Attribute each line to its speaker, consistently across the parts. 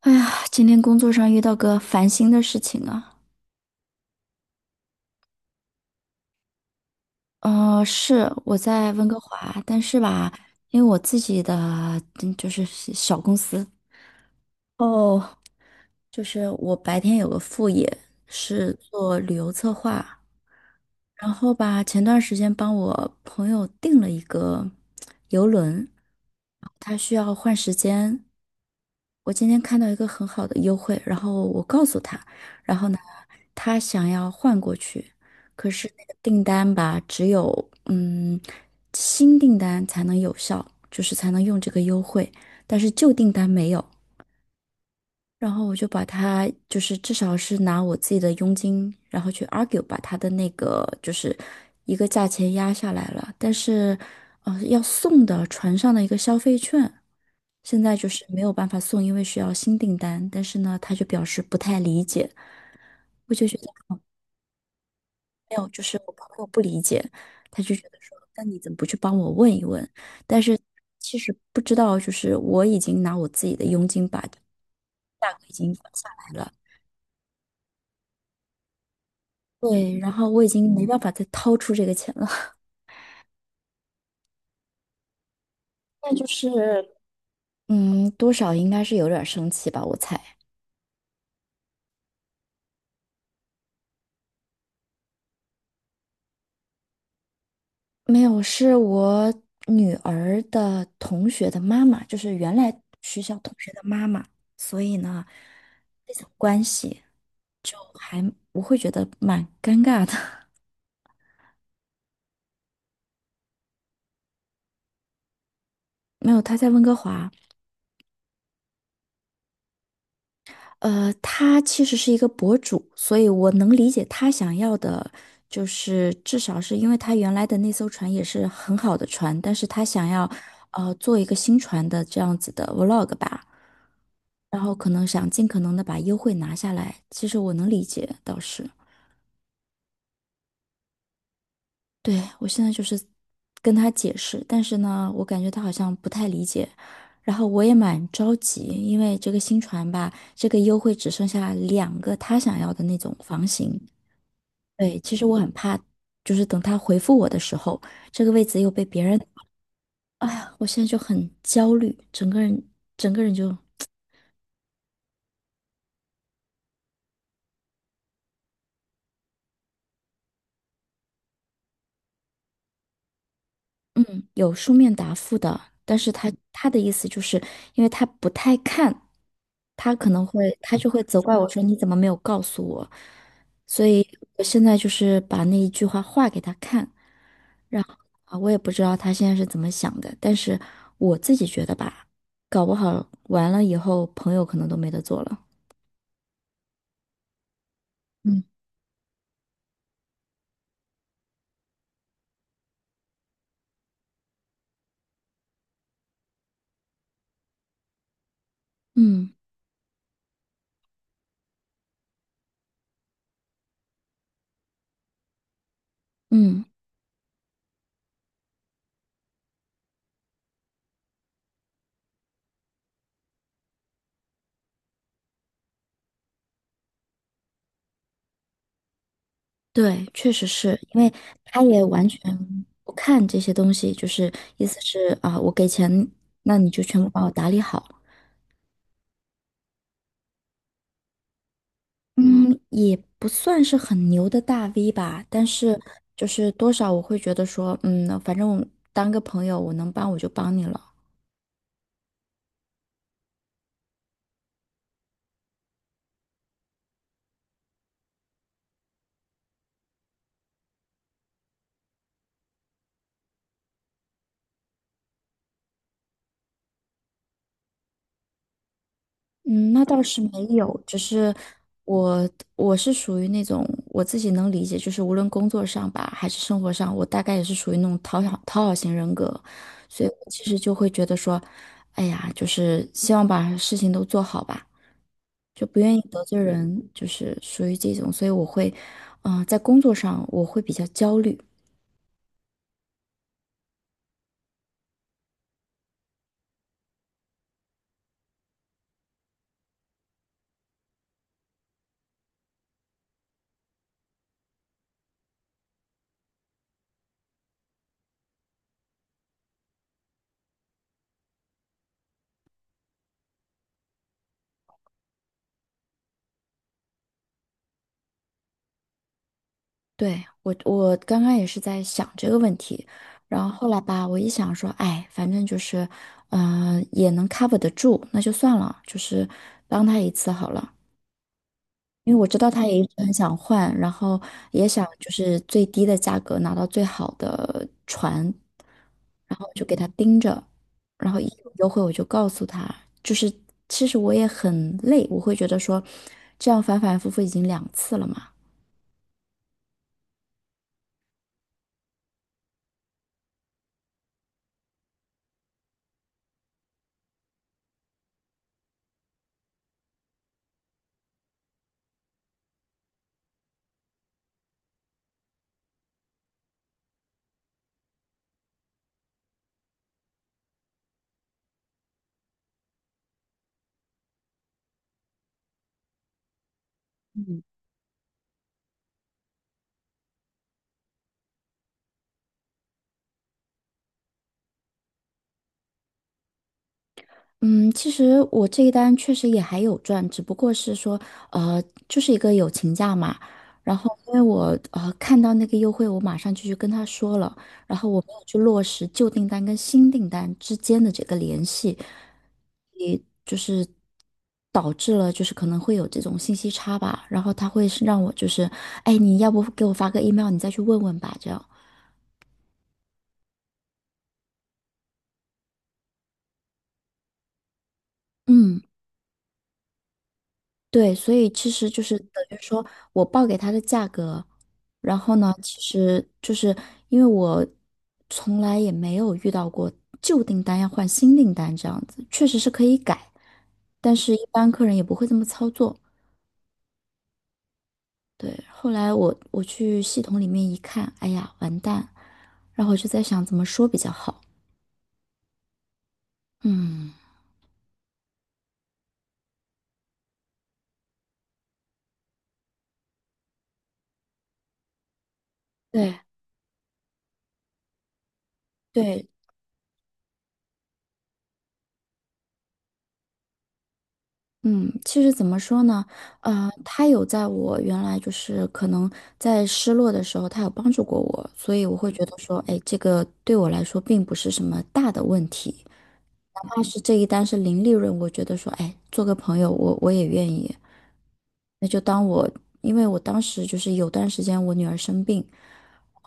Speaker 1: 哎呀，今天工作上遇到个烦心的事情啊。是我在温哥华，但是吧，因为我自己的就是小公司。哦，就是我白天有个副业是做旅游策划。然后吧，前段时间帮我朋友订了一个游轮，他需要换时间。我今天看到一个很好的优惠，然后我告诉他。然后呢，他想要换过去，可是那个订单吧，只有新订单才能有效，就是才能用这个优惠，但是旧订单没有。然后我就把他，就是至少是拿我自己的佣金，然后去 argue 把他的那个就是一个价钱压下来了。但是，要送的船上的一个消费券，现在就是没有办法送，因为需要新订单。但是呢，他就表示不太理解，我就觉得没有，就是我朋友不理解，他就觉得说，那你怎么不去帮我问一问？但是其实不知道，就是我已经拿我自己的佣金把价格已经压下来了。对，然后我已经没办法再掏出这个钱了。那就是 嗯，多少应该是有点儿生气吧，我猜。没有，是我女儿的同学的妈妈，就是原来学校同学的妈妈，所以呢，这种关系就还我会觉得蛮尴尬的。没有，她在温哥华。他其实是一个博主，所以我能理解他想要的，就是至少是因为他原来的那艘船也是很好的船，但是他想要，做一个新船的这样子的 vlog 吧。然后可能想尽可能的把优惠拿下来，其实我能理解，倒是。对，我现在就是跟他解释，但是呢，我感觉他好像不太理解。然后我也蛮着急，因为这个新船吧，这个优惠只剩下2个他想要的那种房型。对，其实我很怕，就是等他回复我的时候，这个位置又被别人。哎呀，我现在就很焦虑，整个人就嗯，有书面答复的，但是他的意思就是，因为他不太看，他就会责怪我说你怎么没有告诉我，所以我现在就是把那一句话画给他看。然后啊，我也不知道他现在是怎么想的，但是我自己觉得吧，搞不好完了以后朋友可能都没得做了。嗯嗯嗯。对，确实是因为他也完全不看这些东西，就是意思是啊，我给钱，那你就全部帮我打理好。嗯，也不算是很牛的大 V 吧，但是就是多少我会觉得说，嗯，反正我当个朋友，我能帮我就帮你了。嗯，那倒是没有，只是我我是属于那种我自己能理解，就是无论工作上吧，还是生活上，我大概也是属于那种讨好型人格，所以我其实就会觉得说，哎呀，就是希望把事情都做好吧，就不愿意得罪人，就是属于这种，所以我会，嗯、在工作上我会比较焦虑。对，我刚刚也是在想这个问题。然后后来吧，我一想说，哎，反正就是，嗯、也能 cover 得住，那就算了，就是帮他一次好了。因为我知道他也一直很想换，然后也想就是最低的价格拿到最好的船，然后就给他盯着，然后一有优惠我就告诉他。就是其实我也很累，我会觉得说，这样反反复复已经2次了嘛。嗯，其实我这一单确实也还有赚，只不过是说，呃，就是一个友情价嘛。然后因为我看到那个优惠，我马上就去跟他说了，然后我没有去落实旧订单跟新订单之间的这个联系，也就是导致了就是可能会有这种信息差吧。然后他会是让我就是，哎，你要不给我发个 email，你再去问问吧，这样。嗯。对，所以其实就是等于说我报给他的价格，然后呢，其实就是因为我从来也没有遇到过旧订单要换新订单这样子，确实是可以改，但是一般客人也不会这么操作。对，后来我去系统里面一看，哎呀，完蛋，然后我就在想怎么说比较好。嗯，对对，嗯，其实怎么说呢？他有在我原来就是可能在失落的时候，他有帮助过我，所以我会觉得说，哎，这个对我来说并不是什么大的问题。但是这一单是零利润，我觉得说，哎，做个朋友，我也愿意。那就当我，因为我当时就是有段时间我女儿生病，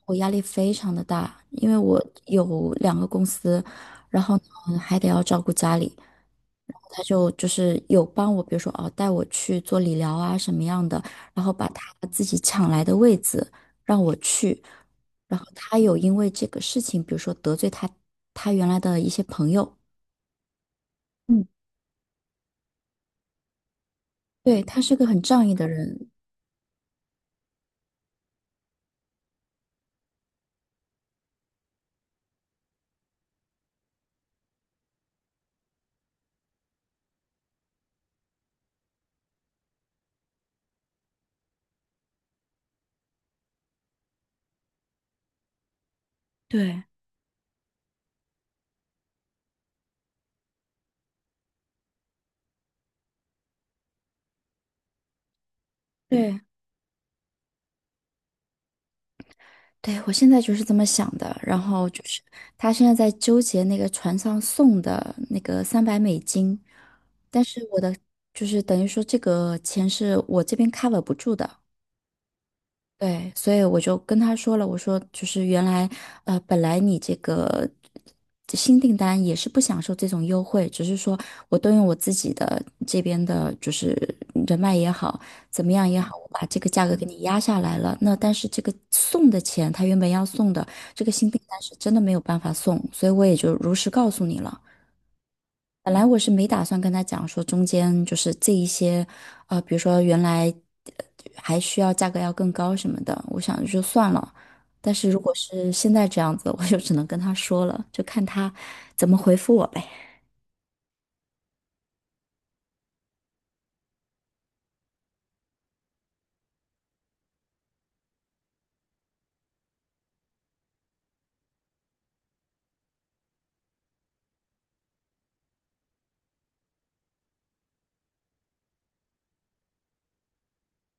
Speaker 1: 我压力非常的大，因为我有2个公司，然后呢还得要照顾家里，然后她就是有帮我，比如说哦带我去做理疗啊什么样的，然后把他自己抢来的位子让我去，然后他有因为这个事情，比如说得罪他原来的一些朋友。嗯。对，他是个很仗义的人。对，对，对，我现在就是这么想的。然后就是他现在在纠结那个船上送的那个300美金，但是我的就是等于说这个钱是我这边 cover 不住的。对，所以我就跟他说了，我说就是原来，本来你这个这新订单也是不享受这种优惠，只是说我动用我自己的这边的，就是人脉也好，怎么样也好，我把这个价格给你压下来了。那但是这个送的钱，他原本要送的这个新订单是真的没有办法送，所以我也就如实告诉你了。本来我是没打算跟他讲说中间就是这一些，比如说原来呃还需要价格要更高什么的，我想就算了。但是如果是现在这样子，我就只能跟他说了，就看他怎么回复我呗。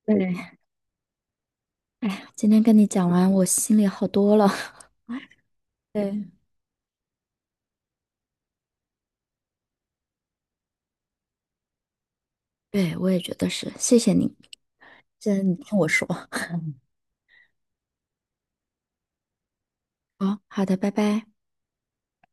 Speaker 1: 对，哎呀，今天跟你讲完，我心里好多了。对，对，我也觉得是，谢谢你，谢谢你听我说。好，好的，拜拜。